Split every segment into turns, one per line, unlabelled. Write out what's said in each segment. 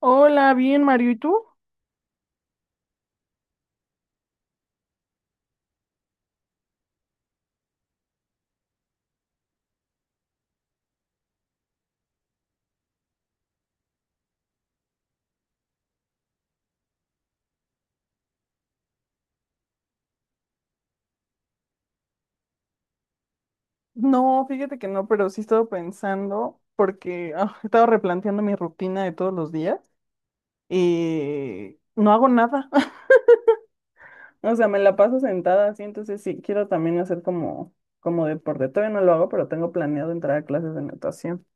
Hola, bien, Mario, ¿y tú? No, fíjate que no, pero sí he estado pensando porque he estado replanteando mi rutina de todos los días y no hago nada. O sea, me la paso sentada así, entonces sí, quiero también hacer como deporte. Todavía no lo hago, pero tengo planeado entrar a clases de natación.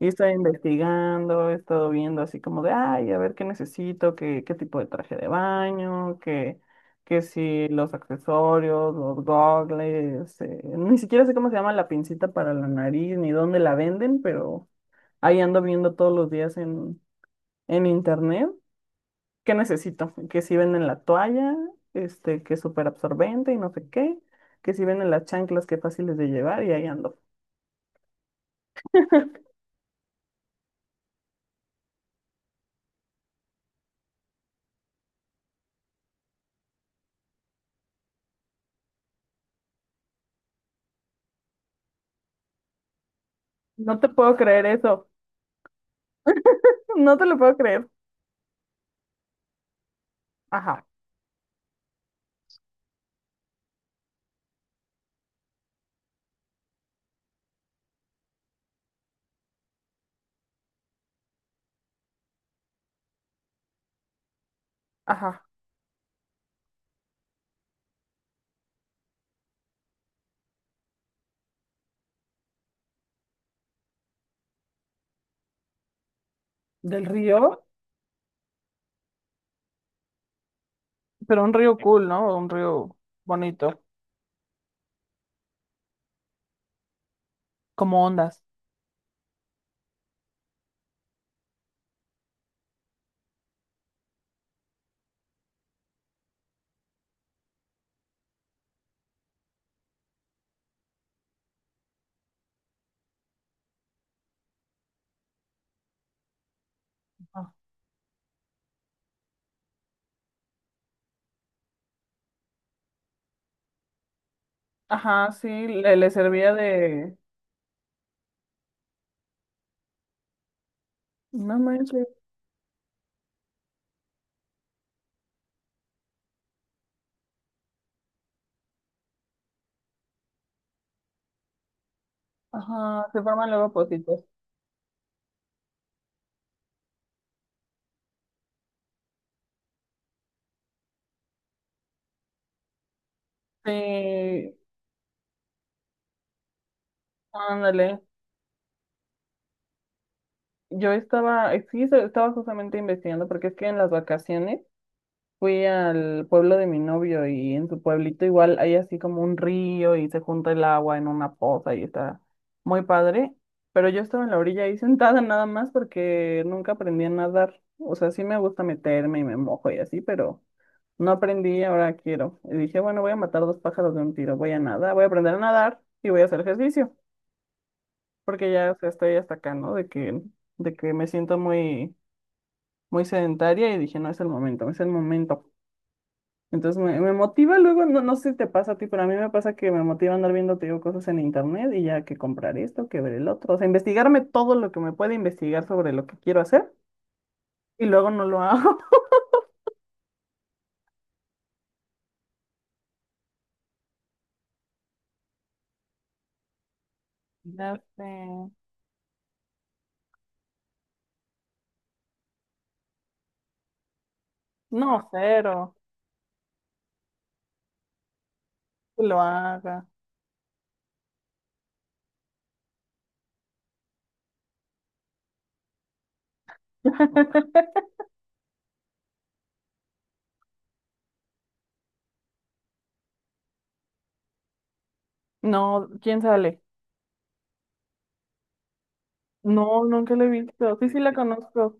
Y he estado investigando, he estado viendo así como de, ay, a ver qué necesito, qué tipo de traje de baño, qué si los accesorios, los gogles, ni siquiera sé cómo se llama la pincita para la nariz, ni dónde la venden, pero ahí ando viendo todos los días en internet qué necesito, que si venden la toalla, que es súper absorbente y no sé qué, que si venden las chanclas que fáciles de llevar y ahí ando. No te puedo creer eso, no te lo puedo creer. Ajá. Ajá. Del río, pero un río cool, ¿no? Un río bonito, como ondas. Ah. Ajá, sí, le servía de. No manches. Ajá, se forman luego pocitos. Sí, ándale. Yo estaba, sí, estaba justamente investigando porque es que en las vacaciones fui al pueblo de mi novio y en su pueblito igual hay así como un río y se junta el agua en una poza y está muy padre. Pero yo estaba en la orilla ahí sentada nada más porque nunca aprendí a nadar. O sea, sí me gusta meterme y me mojo y así, pero no aprendí, ahora quiero. Y dije, bueno, voy a matar dos pájaros de un tiro, voy a nadar, voy a aprender a nadar y voy a hacer ejercicio, porque ya o sea, estoy hasta acá, ¿no? De que me siento muy, muy sedentaria y dije, no es el momento, es el momento. Entonces me motiva luego, no sé si te pasa a ti, pero a mí me pasa que me motiva andar viendo, te digo, cosas en internet y ya que comprar esto, que ver el otro, o sea, investigarme todo lo que me puede investigar sobre lo que quiero hacer y luego no lo hago. Ya sé. No, cero, que lo haga. No, ¿quién sale? No, nunca lo he visto. Sí, sí la conozco,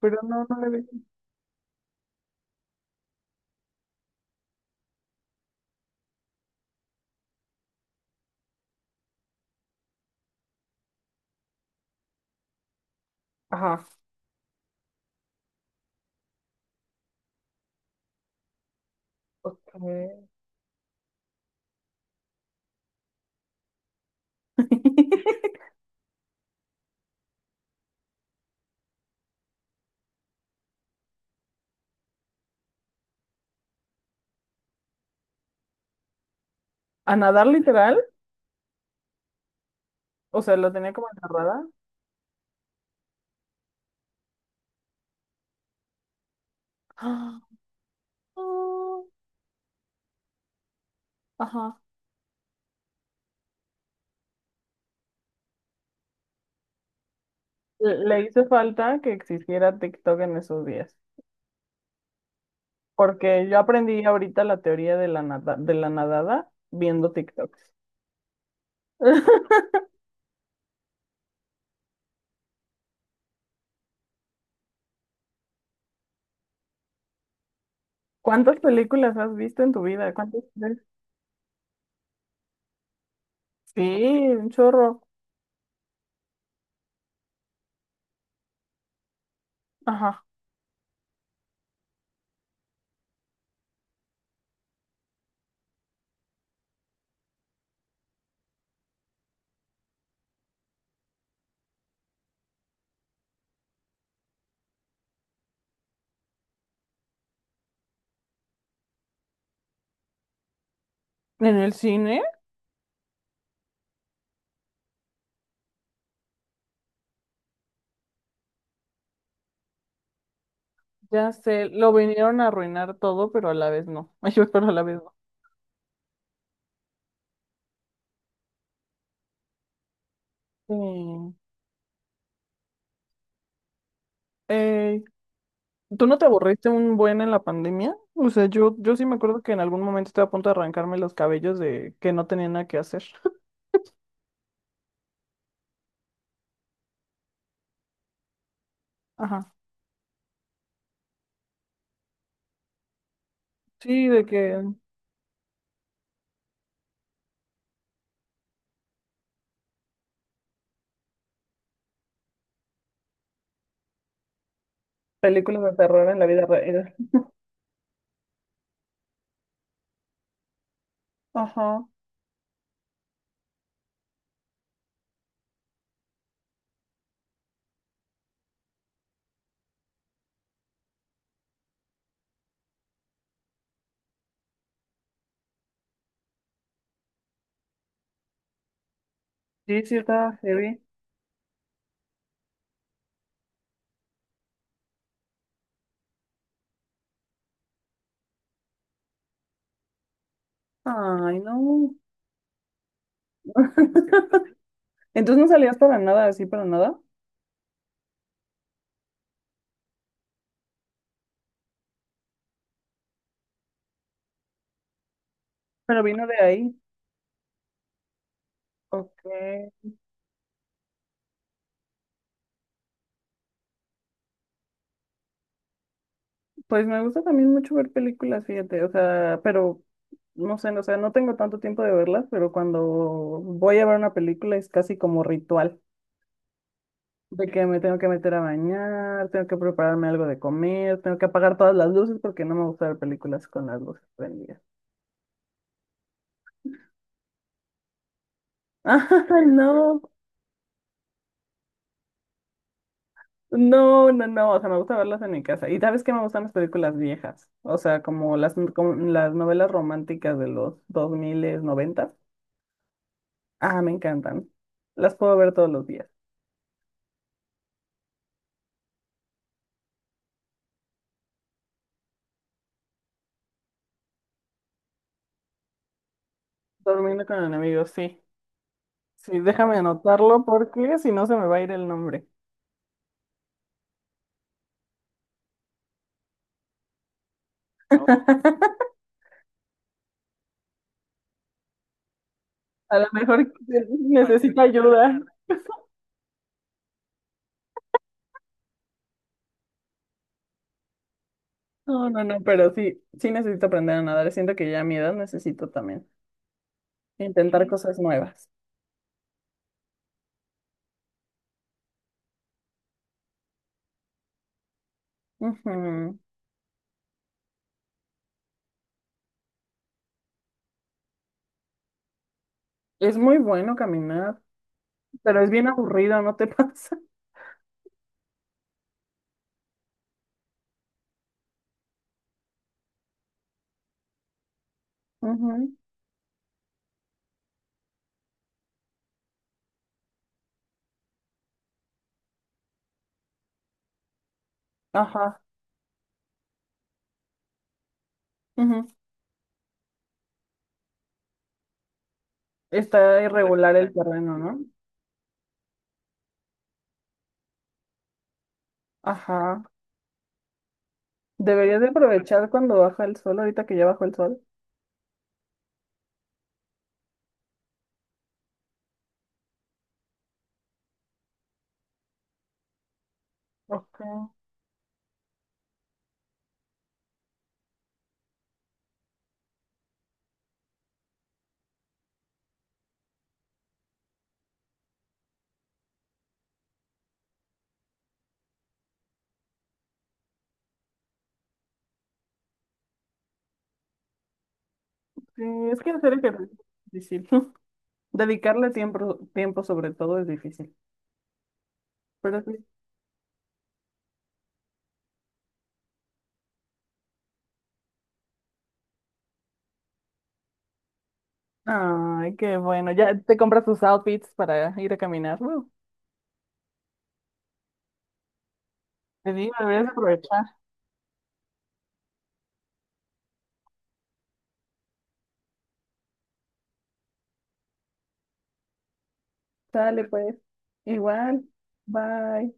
pero no, no la he visto. Ajá. Ok. ¿A nadar literal? O sea, lo tenía como encerrada. Ah, ah, ajá. Le hizo falta que existiera TikTok en esos días, porque yo aprendí ahorita la teoría de la nada- de la nadada viendo TikToks. ¿Cuántas películas has visto en tu vida? ¿Cuántas crees? Sí, un chorro. Ajá. ¿En el cine? Ya sé, lo vinieron a arruinar todo, pero a la vez no. Ay, pero a la vez no. Sí. Eh, ¿Tú no te aburriste un buen en la pandemia? O sea, yo sí me acuerdo que en algún momento estaba a punto de arrancarme los cabellos de que no tenía nada que hacer. Ajá. Sí, de que películas de terror en la vida real. Ajá. Sí, sí, está heavy. Ay, no. Entonces no salías para nada, así para nada, pero vino de ahí. Ok. Pues me gusta también mucho ver películas, fíjate, o sea, pero no sé, no, o sea, no tengo tanto tiempo de verlas, pero cuando voy a ver una película es casi como ritual, de que me tengo que meter a bañar, tengo que prepararme algo de comer, tengo que apagar todas las luces porque no me gusta ver películas con las luces prendidas. ¡Ay, no! No, no, no, o sea, me gusta verlas en mi casa. Y sabes que me gustan las películas viejas, o sea, como las novelas románticas de los 2000 90. Ah, me encantan. Las puedo ver todos los días. Durmiendo con enemigos, sí. Sí, déjame anotarlo porque si no se me va a ir el nombre. A lo mejor necesita ayuda. No, no, no, pero sí, sí necesito aprender a nadar. Siento que ya a mi edad necesito también intentar cosas nuevas. Ujú. Es muy bueno caminar. Pero es bien aburrido, ¿no te pasa? Ujú. Ajá. Ujú. Está irregular el terreno, ¿no? Ajá. Deberías de aprovechar cuando baja el sol, ahorita que ya bajó el sol. Ok. Sí, es que hacer ejercicio es difícil. Dedicarle tiempo, tiempo sobre todo es difícil. Pero sí. Ay, qué bueno. Ya te compras tus outfits para ir a caminar. Woo. Te digo, deberías aprovechar. Sale pues. Igual. Bye.